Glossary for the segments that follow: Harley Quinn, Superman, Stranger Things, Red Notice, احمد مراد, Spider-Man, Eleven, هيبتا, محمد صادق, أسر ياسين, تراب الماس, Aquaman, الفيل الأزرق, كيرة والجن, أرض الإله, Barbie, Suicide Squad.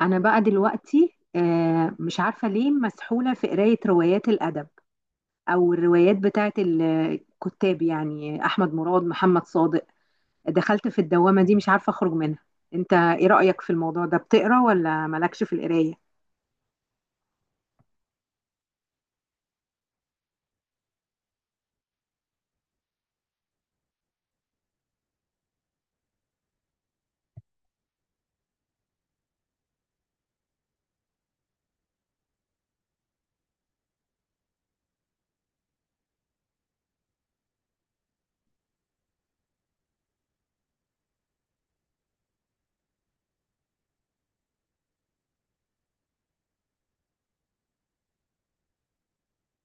انا بقى دلوقتي مش عارفه ليه مسحوله في قرايه روايات الادب او الروايات بتاعت الكتاب، يعني احمد مراد، محمد صادق. دخلت في الدوامه دي مش عارفه اخرج منها. انت ايه رايك في الموضوع ده؟ بتقرا ولا مالكش في القرايه؟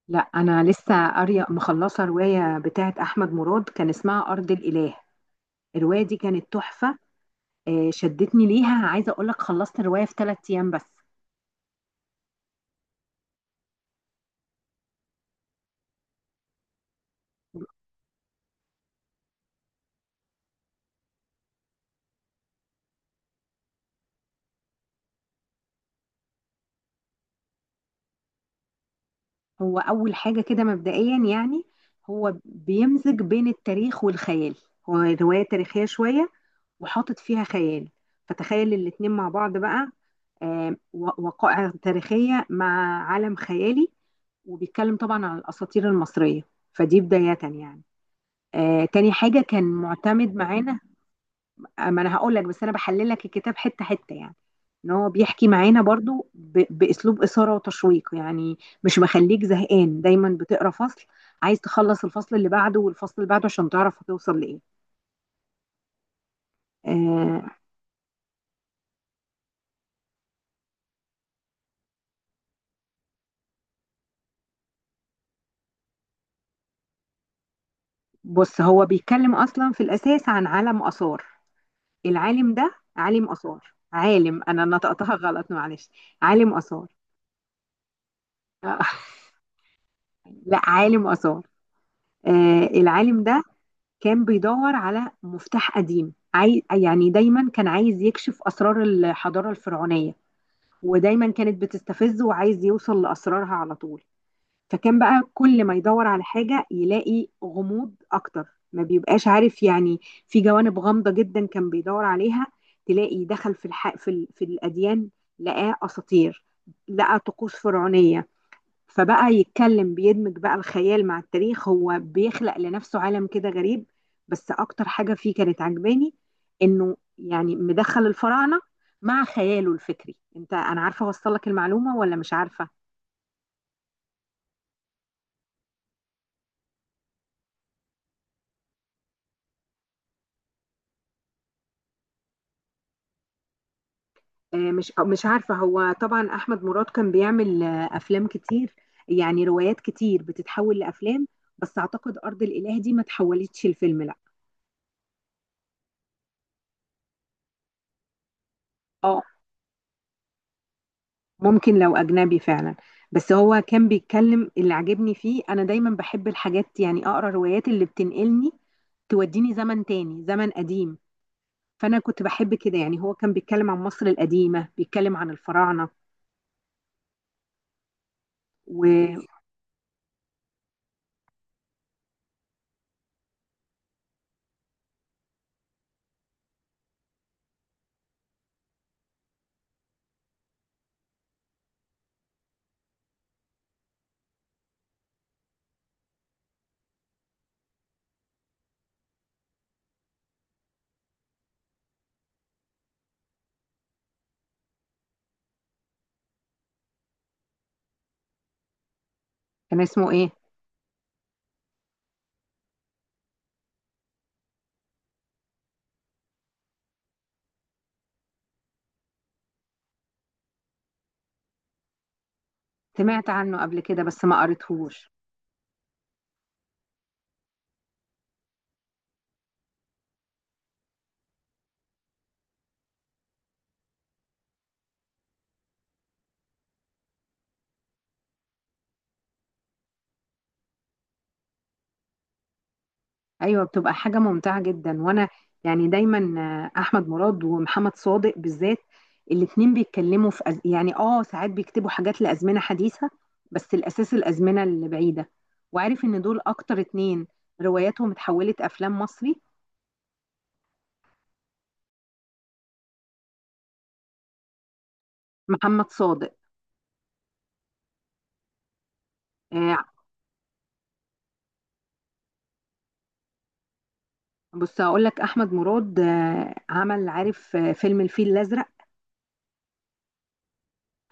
لا انا لسه قاريه مخلصه روايه بتاعت احمد مراد كان اسمها ارض الاله. الروايه دي كانت تحفه. شدتني ليها، عايزه اقول لك خلصت الروايه في 3 ايام بس. هو أول حاجة كده مبدئيا يعني هو بيمزج بين التاريخ والخيال، هو رواية تاريخية شوية وحاطط فيها خيال، فتخيل الاتنين مع بعض بقى. وقائع تاريخية مع عالم خيالي، وبيتكلم طبعا عن الأساطير المصرية. فدي بداية يعني. تاني حاجة كان معتمد معانا، ما انا هقول لك، بس انا بحلل لك الكتاب حته حته يعني، ان هو بيحكي معانا برضو باسلوب اثاره وتشويق يعني. مش مخليك زهقان، دايما بتقرا فصل عايز تخلص الفصل اللي بعده والفصل اللي بعده عشان تعرف هتوصل لايه. آه. بص، هو بيتكلم اصلا في الاساس عن عالم اثار، العالم ده عالم اثار، عالم انا نطقتها غلط، معلش، عالم اثار. آه، لا، عالم اثار. آه العالم ده كان بيدور على مفتاح قديم يعني دايما كان عايز يكشف أسرار الحضارة الفرعونية، ودايما كانت بتستفزه وعايز يوصل لأسرارها على طول. فكان بقى كل ما يدور على حاجة يلاقي غموض أكتر، ما بيبقاش عارف يعني. في جوانب غامضة جدا كان بيدور عليها، تلاقي دخل في الح... في, ال... في الأديان، لقاه أساطير، لقى طقوس فرعونية. فبقى يتكلم، بيدمج بقى الخيال مع التاريخ، هو بيخلق لنفسه عالم كده غريب. بس اكتر حاجة فيه كانت عجباني انه يعني مدخل الفراعنة مع خياله الفكري. انت انا عارفة اوصل لك المعلومة ولا مش عارفة؟ مش عارفة. هو طبعا احمد مراد كان بيعمل افلام كتير، يعني روايات كتير بتتحول لافلام. بس اعتقد ارض الاله دي ما تحولتش الفيلم، لا. اه، ممكن لو أجنبي فعلا. بس هو كان بيتكلم، اللي عجبني فيه أنا دايما بحب الحاجات يعني، أقرأ روايات اللي بتنقلني، توديني زمن تاني، زمن قديم. فأنا كنت بحب كده يعني، هو كان بيتكلم عن مصر القديمة، بيتكلم عن الفراعنة. وكان اسمه إيه؟ سمعت عنه قبل كده بس ما قريتهوش. ايوه بتبقى حاجه ممتعه جدا. وانا يعني دايما احمد مراد ومحمد صادق بالذات الاتنين بيتكلموا في يعني اه ساعات بيكتبوا حاجات لازمنه حديثه، بس الاساس الازمنه اللي بعيده. وعارف ان دول اكتر اتنين رواياتهم اتحولت افلام مصري. محمد صادق. آه، بص هقول لك، احمد مراد عمل، عارف، فيلم الفيل الازرق،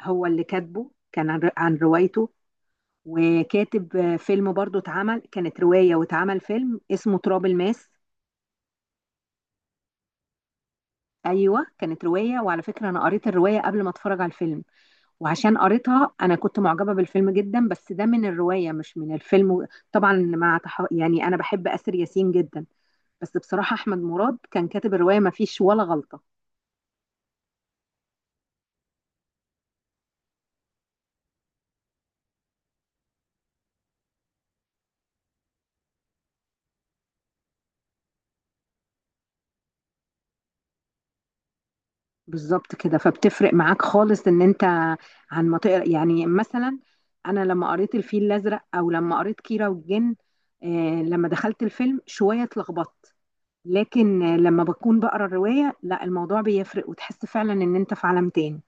هو اللي كاتبه، كان عن روايته، وكاتب فيلم برضه اتعمل، كانت روايه واتعمل فيلم اسمه تراب الماس. ايوه كانت روايه، وعلى فكره انا قريت الروايه قبل ما اتفرج على الفيلم، وعشان قريتها انا كنت معجبه بالفيلم جدا، بس ده من الروايه مش من الفيلم. طبعا مع يعني انا بحب اسر ياسين جدا، بس بصراحه احمد مراد كان كاتب الروايه ما فيش ولا غلطه. بالظبط كده، فبتفرق معاك خالص ان انت عن ما تقرا يعني، مثلا انا لما قريت الفيل الازرق او لما قريت كيرة والجن، آه، لما دخلت الفيلم شويه اتلخبطت. لكن لما بكون بقرا الروايه لا، الموضوع بيفرق وتحس فعلا ان انت في عالم تاني.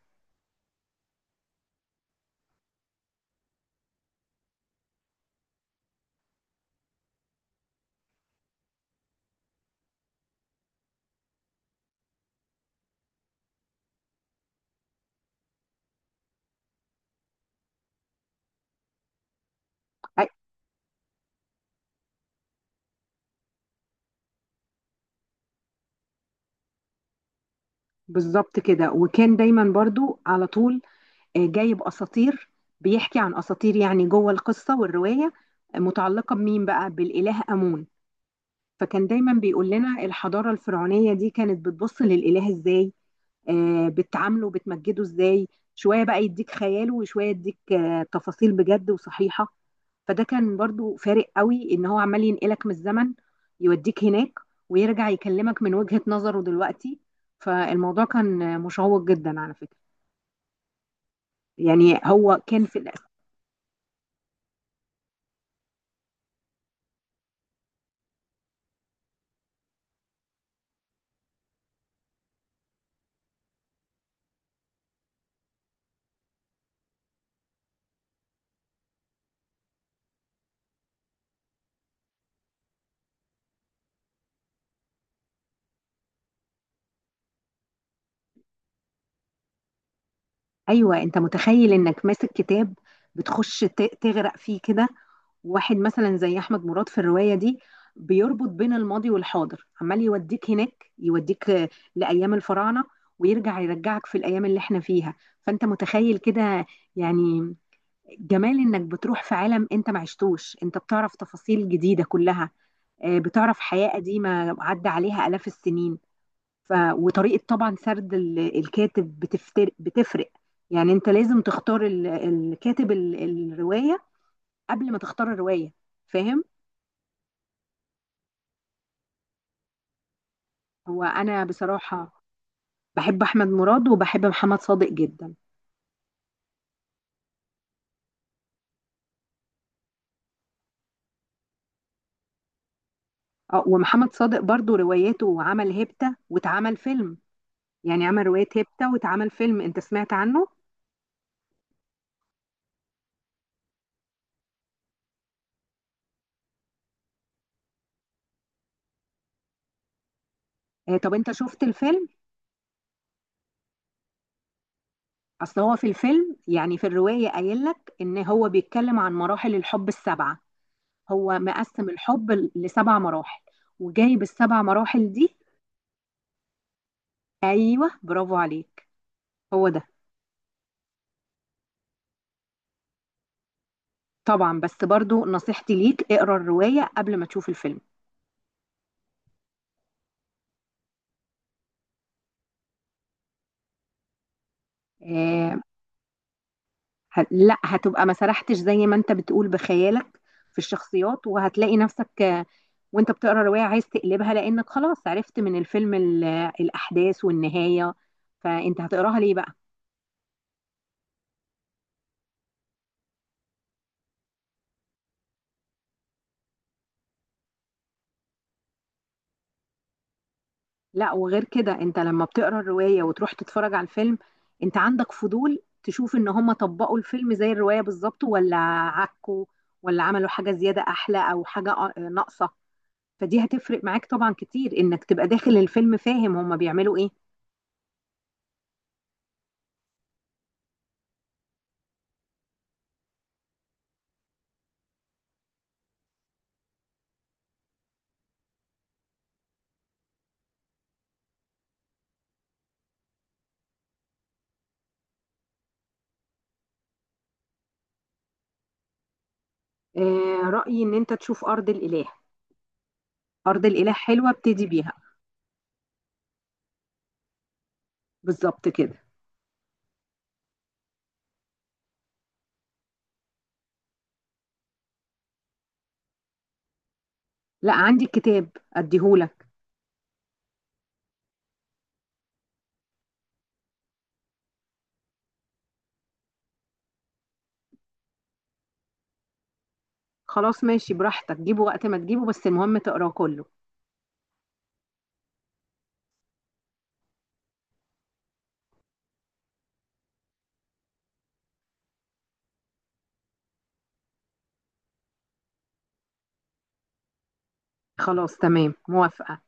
أي، بالظبط كده. وكان دايما برضو على طول جايب اساطير، بيحكي عن اساطير يعني جوه القصه والروايه، متعلقه بمين بقى؟ بالاله امون. فكان دايما بيقول لنا الحضاره الفرعونيه دي كانت بتبص للاله ازاي، بتعامله، بتمجده ازاي. شويه بقى يديك خياله، وشويه يديك تفاصيل بجد وصحيحه. فده كان برضو فارق قوي ان هو عمال ينقلك من الزمن، يوديك هناك ويرجع يكلمك من وجهة نظره دلوقتي. فالموضوع كان مشوق جدا على فكرة. يعني هو كان في الأس- ايوه، انت متخيل انك ماسك كتاب، بتخش تغرق فيه كده. واحد مثلا زي احمد مراد في الروايه دي بيربط بين الماضي والحاضر، عمال يوديك هناك، يوديك لايام الفراعنه، ويرجع يرجعك في الايام اللي احنا فيها. فانت متخيل كده يعني، جمال انك بتروح في عالم انت ما عشتوش، انت بتعرف تفاصيل جديدة كلها، بتعرف حياة قديمة عدى عليها آلاف السنين. ف... وطريقة طبعا سرد الكاتب بتفرق. يعني انت لازم تختار الكاتب، الرواية قبل ما تختار الرواية، فاهم؟ هو انا بصراحة بحب احمد مراد وبحب محمد صادق جدا. اه، ومحمد صادق برضو رواياته، عمل هيبتا واتعمل فيلم، يعني عمل رواية هيبتا واتعمل فيلم، انت سمعت عنه؟ طب انت شفت الفيلم؟ اصل هو في الفيلم يعني في الرواية قايل لك ان هو بيتكلم عن مراحل الحب السبعة، هو مقسم الحب ل7 مراحل، وجايب ال7 مراحل دي. ايوه برافو عليك، هو ده. طبعا، بس برضو نصيحتي ليك اقرا الرواية قبل ما تشوف الفيلم. آه. لا، هتبقى ما سرحتش زي ما انت بتقول بخيالك في الشخصيات، وهتلاقي نفسك وانت بتقرا الرواية عايز تقلبها لانك خلاص عرفت من الفيلم الاحداث والنهاية، فانت هتقراها ليه بقى؟ لا وغير كده انت لما بتقرا الروايه وتروح تتفرج على الفيلم، انت عندك فضول تشوف ان هم طبقوا الفيلم زي الروايه بالظبط، ولا عكوا، ولا عملوا حاجه زياده احلى او حاجه ناقصه. فدي هتفرق معاك طبعا كتير، انك تبقى داخل الفيلم فاهم هم بيعملوا ايه. رايي ان انت تشوف ارض الاله، ارض الاله حلوه ابتدي بيها. بالظبط كده. لا عندي الكتاب اديهولك. خلاص ماشي، براحتك، جيبه وقت ما تجيبه، بس المهم تقراه كله. خلاص تمام موافقه.